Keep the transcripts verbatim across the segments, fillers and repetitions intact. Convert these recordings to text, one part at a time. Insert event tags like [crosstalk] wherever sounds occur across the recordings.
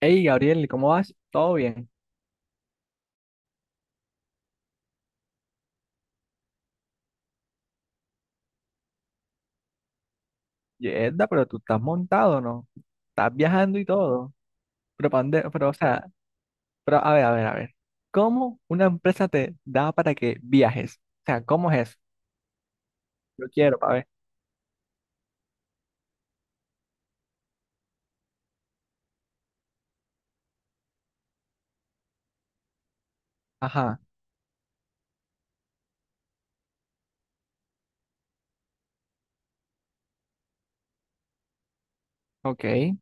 Hey, Gabriel, ¿cómo vas? ¿Todo bien? Yerda, pero tú estás montado, ¿no? Estás viajando y todo. Pero, ¿pa' dónde- pero, o sea, pero, a ver, a ver, a ver. ¿Cómo una empresa te da para que viajes? O sea, ¿cómo es eso? Yo quiero, para ver. Ajá, ok,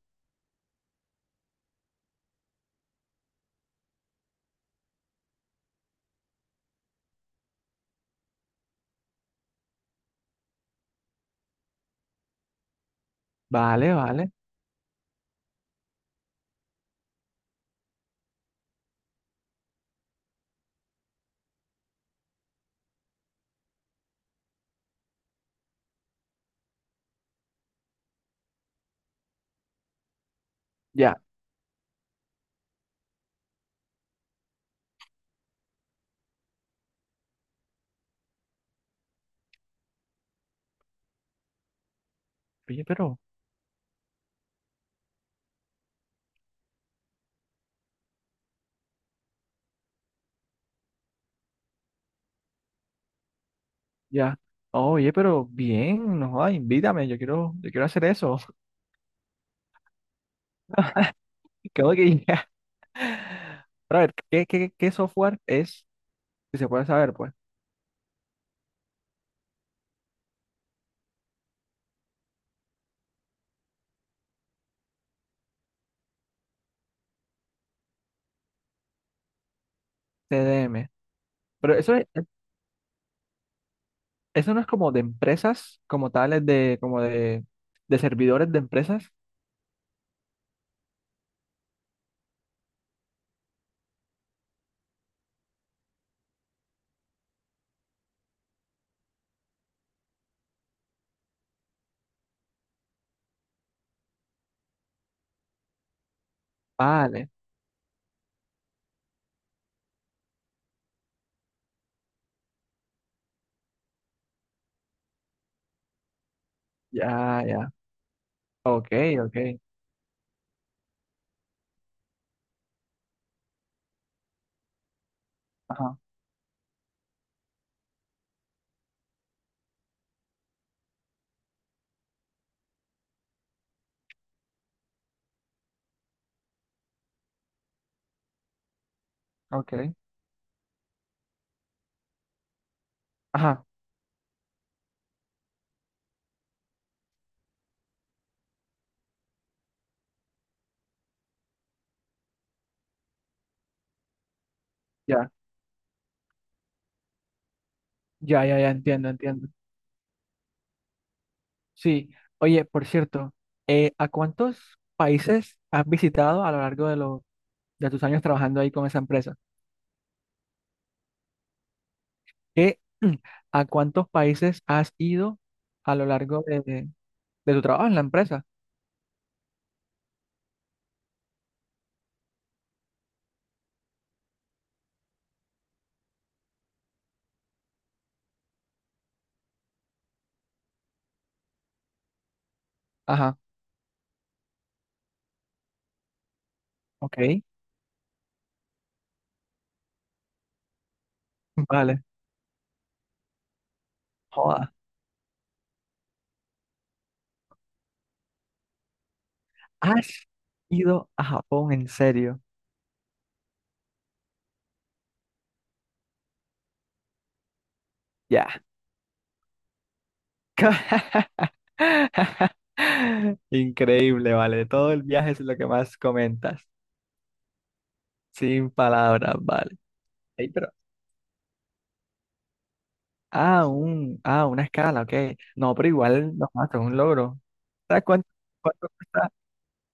vale, vale. Ya, oye, pero, ya. Oye, pero bien, no jodas, invítame, yo quiero, yo quiero hacer eso. [laughs] Creo que ya. [laughs] Pero a ver, ¿qué, qué, ¿qué software es? Si se puede saber, pues. C D M. Pero eso es. Eso no es como de empresas, como tales de, como de, de servidores de empresas. Vale, ya, ya. Ok, ok. Ajá, ok. Ajá, ya, ya, ya, ya, entiendo, entiendo. Sí, oye, por cierto, eh, ¿a cuántos países has visitado a lo largo de, los de tus años trabajando ahí con esa empresa? ¿Qué, [clears throat] a cuántos países has ido a lo largo de, de tu trabajo en la empresa? Ajá, ok, vale. ¿Has ido a Japón en serio? Ya. [laughs] Increíble, vale. Todo el viaje es lo que más comentas. Sin palabras, vale. Ey, pero... Ah, un, ah, una escala, ok. No, pero igual no mato, es un logro. ¿Sabes cuánto, ¿cuánto cuesta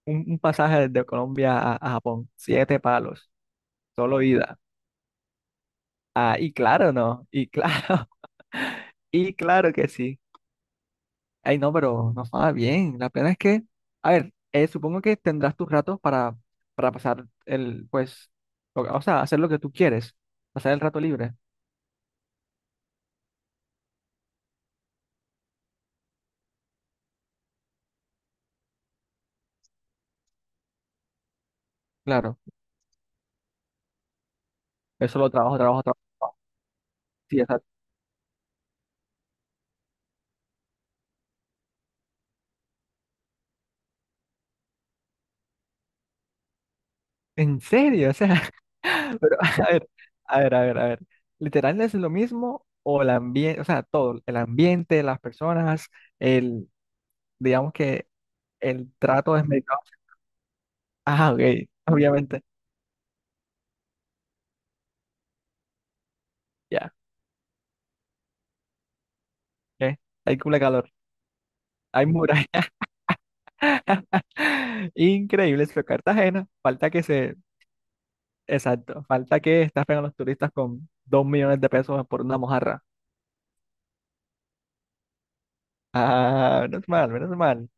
un, un pasaje desde Colombia a, a Japón? Siete palos. Solo ida. Ah, y claro, no. Y claro, [laughs] y claro que sí. Ay, no, pero no estaba bien. La pena es que, a ver, eh, supongo que tendrás tus ratos para, para pasar el, pues, lo- o sea, hacer lo que tú quieres, pasar el rato libre. Claro, eso lo trabajo, trabajo, trabajo. Sí, exacto. ¿En serio? O sea, [laughs] pero, a ver, a ver, a ver, a ver. ¿Literal es lo mismo o el ambiente, o sea, todo, el ambiente, las personas, el, digamos que el trato es medicado? Ah, ok, obviamente, ya, eh, hay culo de calor, hay muralla. [laughs] Increíble, pero Cartagena, falta que se, exacto, falta que estafen a los turistas con dos millones de pesos por una mojarra. Ah, menos mal, menos mal.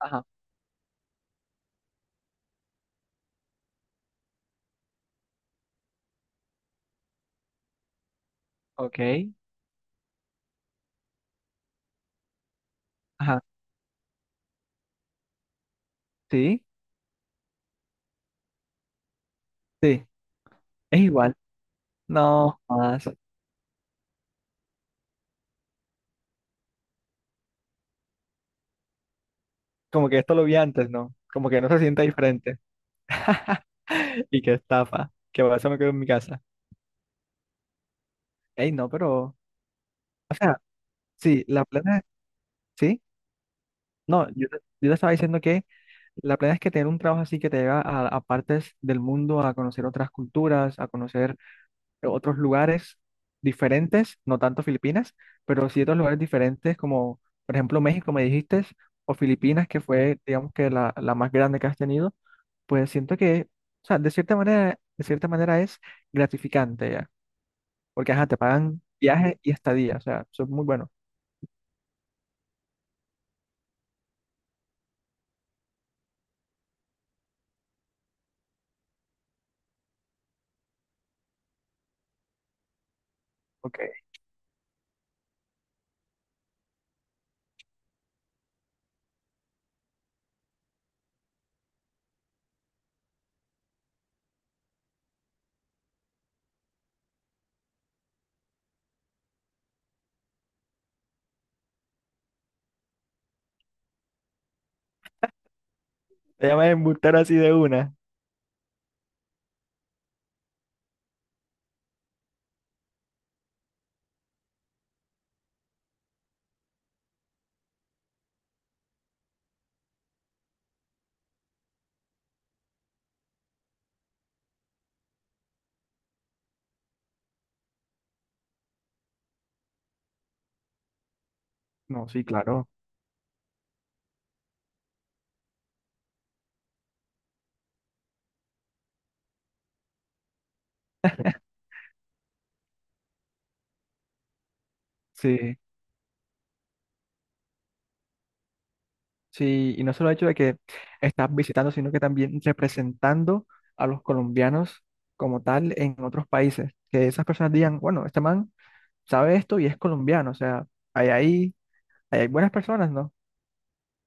Ajá, ok, ajá, sí, sí, es igual, no más. Como que esto lo vi antes, ¿no? Como que no se sienta diferente. [laughs] Y que estafa, que por eso me quedo en mi casa. Ey, no, pero, o sea, sí, la plena, sí, no, yo, te- yo te estaba diciendo que la plena es que tener un trabajo así que te lleva a, a partes del mundo, a conocer otras culturas, a conocer otros lugares diferentes, no tanto Filipinas, pero sí otros lugares diferentes como, por ejemplo, México, me dijiste, o Filipinas, que fue, digamos que la, la más grande que has tenido, pues siento que, o sea, de cierta manera, de cierta manera es gratificante ya, porque ajá, te pagan viaje y estadía, o sea, eso es muy bueno. Ok. Te llaman embustero así de una. No, sí, claro. Sí. Sí, y no solo el hecho de que estás visitando, sino que también representando a los colombianos como tal en otros países. Que esas personas digan, bueno, este man sabe esto y es colombiano, o sea, hay ahí, ahí hay buenas personas, ¿no?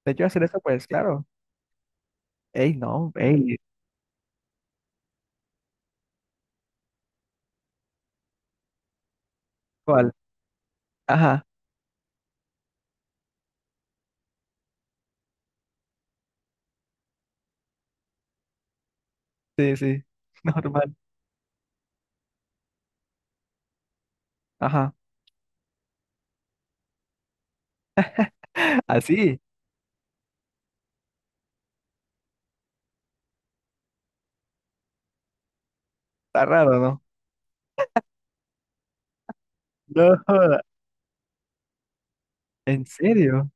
De hecho, hacer eso, pues claro, ey, no, ey, ¿cuál? Ajá, sí, sí, [laughs] normal, ajá, así, está raro, ¿no? No, joda, en serio,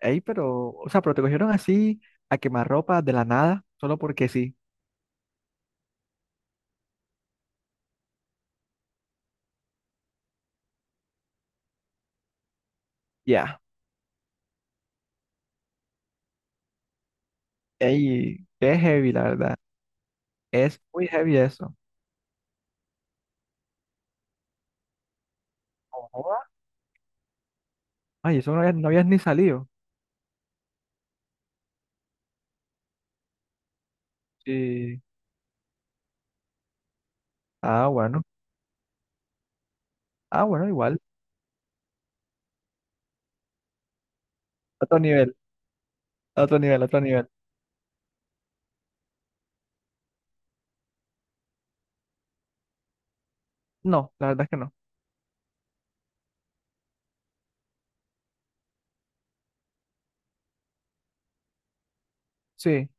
ey, pero, o sea, pero te cogieron así a quemarropa de la nada, solo porque sí, ya. Ey, qué heavy, la verdad. Es muy heavy eso. Joda. Ay, eso no habías, no habías ni salido. Sí. Ah, bueno. Ah, bueno, igual. Otro nivel, otro nivel, otro nivel. No, la verdad es que no. Sí,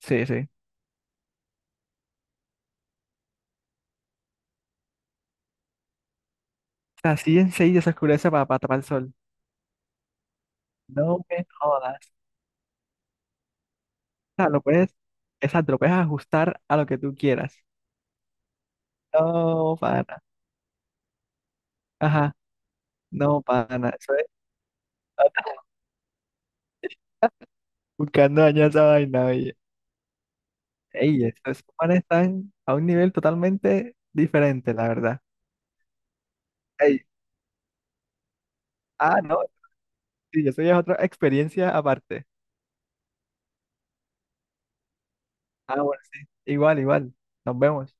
sí, sí. O sea, así enseguida se oscurece para, para tapar el sol. No me jodas. O sea, lo puedes, exacto, lo puedes ajustar a lo que tú quieras. No, pana. Ajá, no, pana. Eso es [laughs] buscando dañar esa vaina, oye. Ey, estos esos están a un nivel totalmente diferente, la verdad. Ey, ah, no, sí, eso ya es otra experiencia aparte. Ah, bueno, sí. Igual, igual. Nos vemos.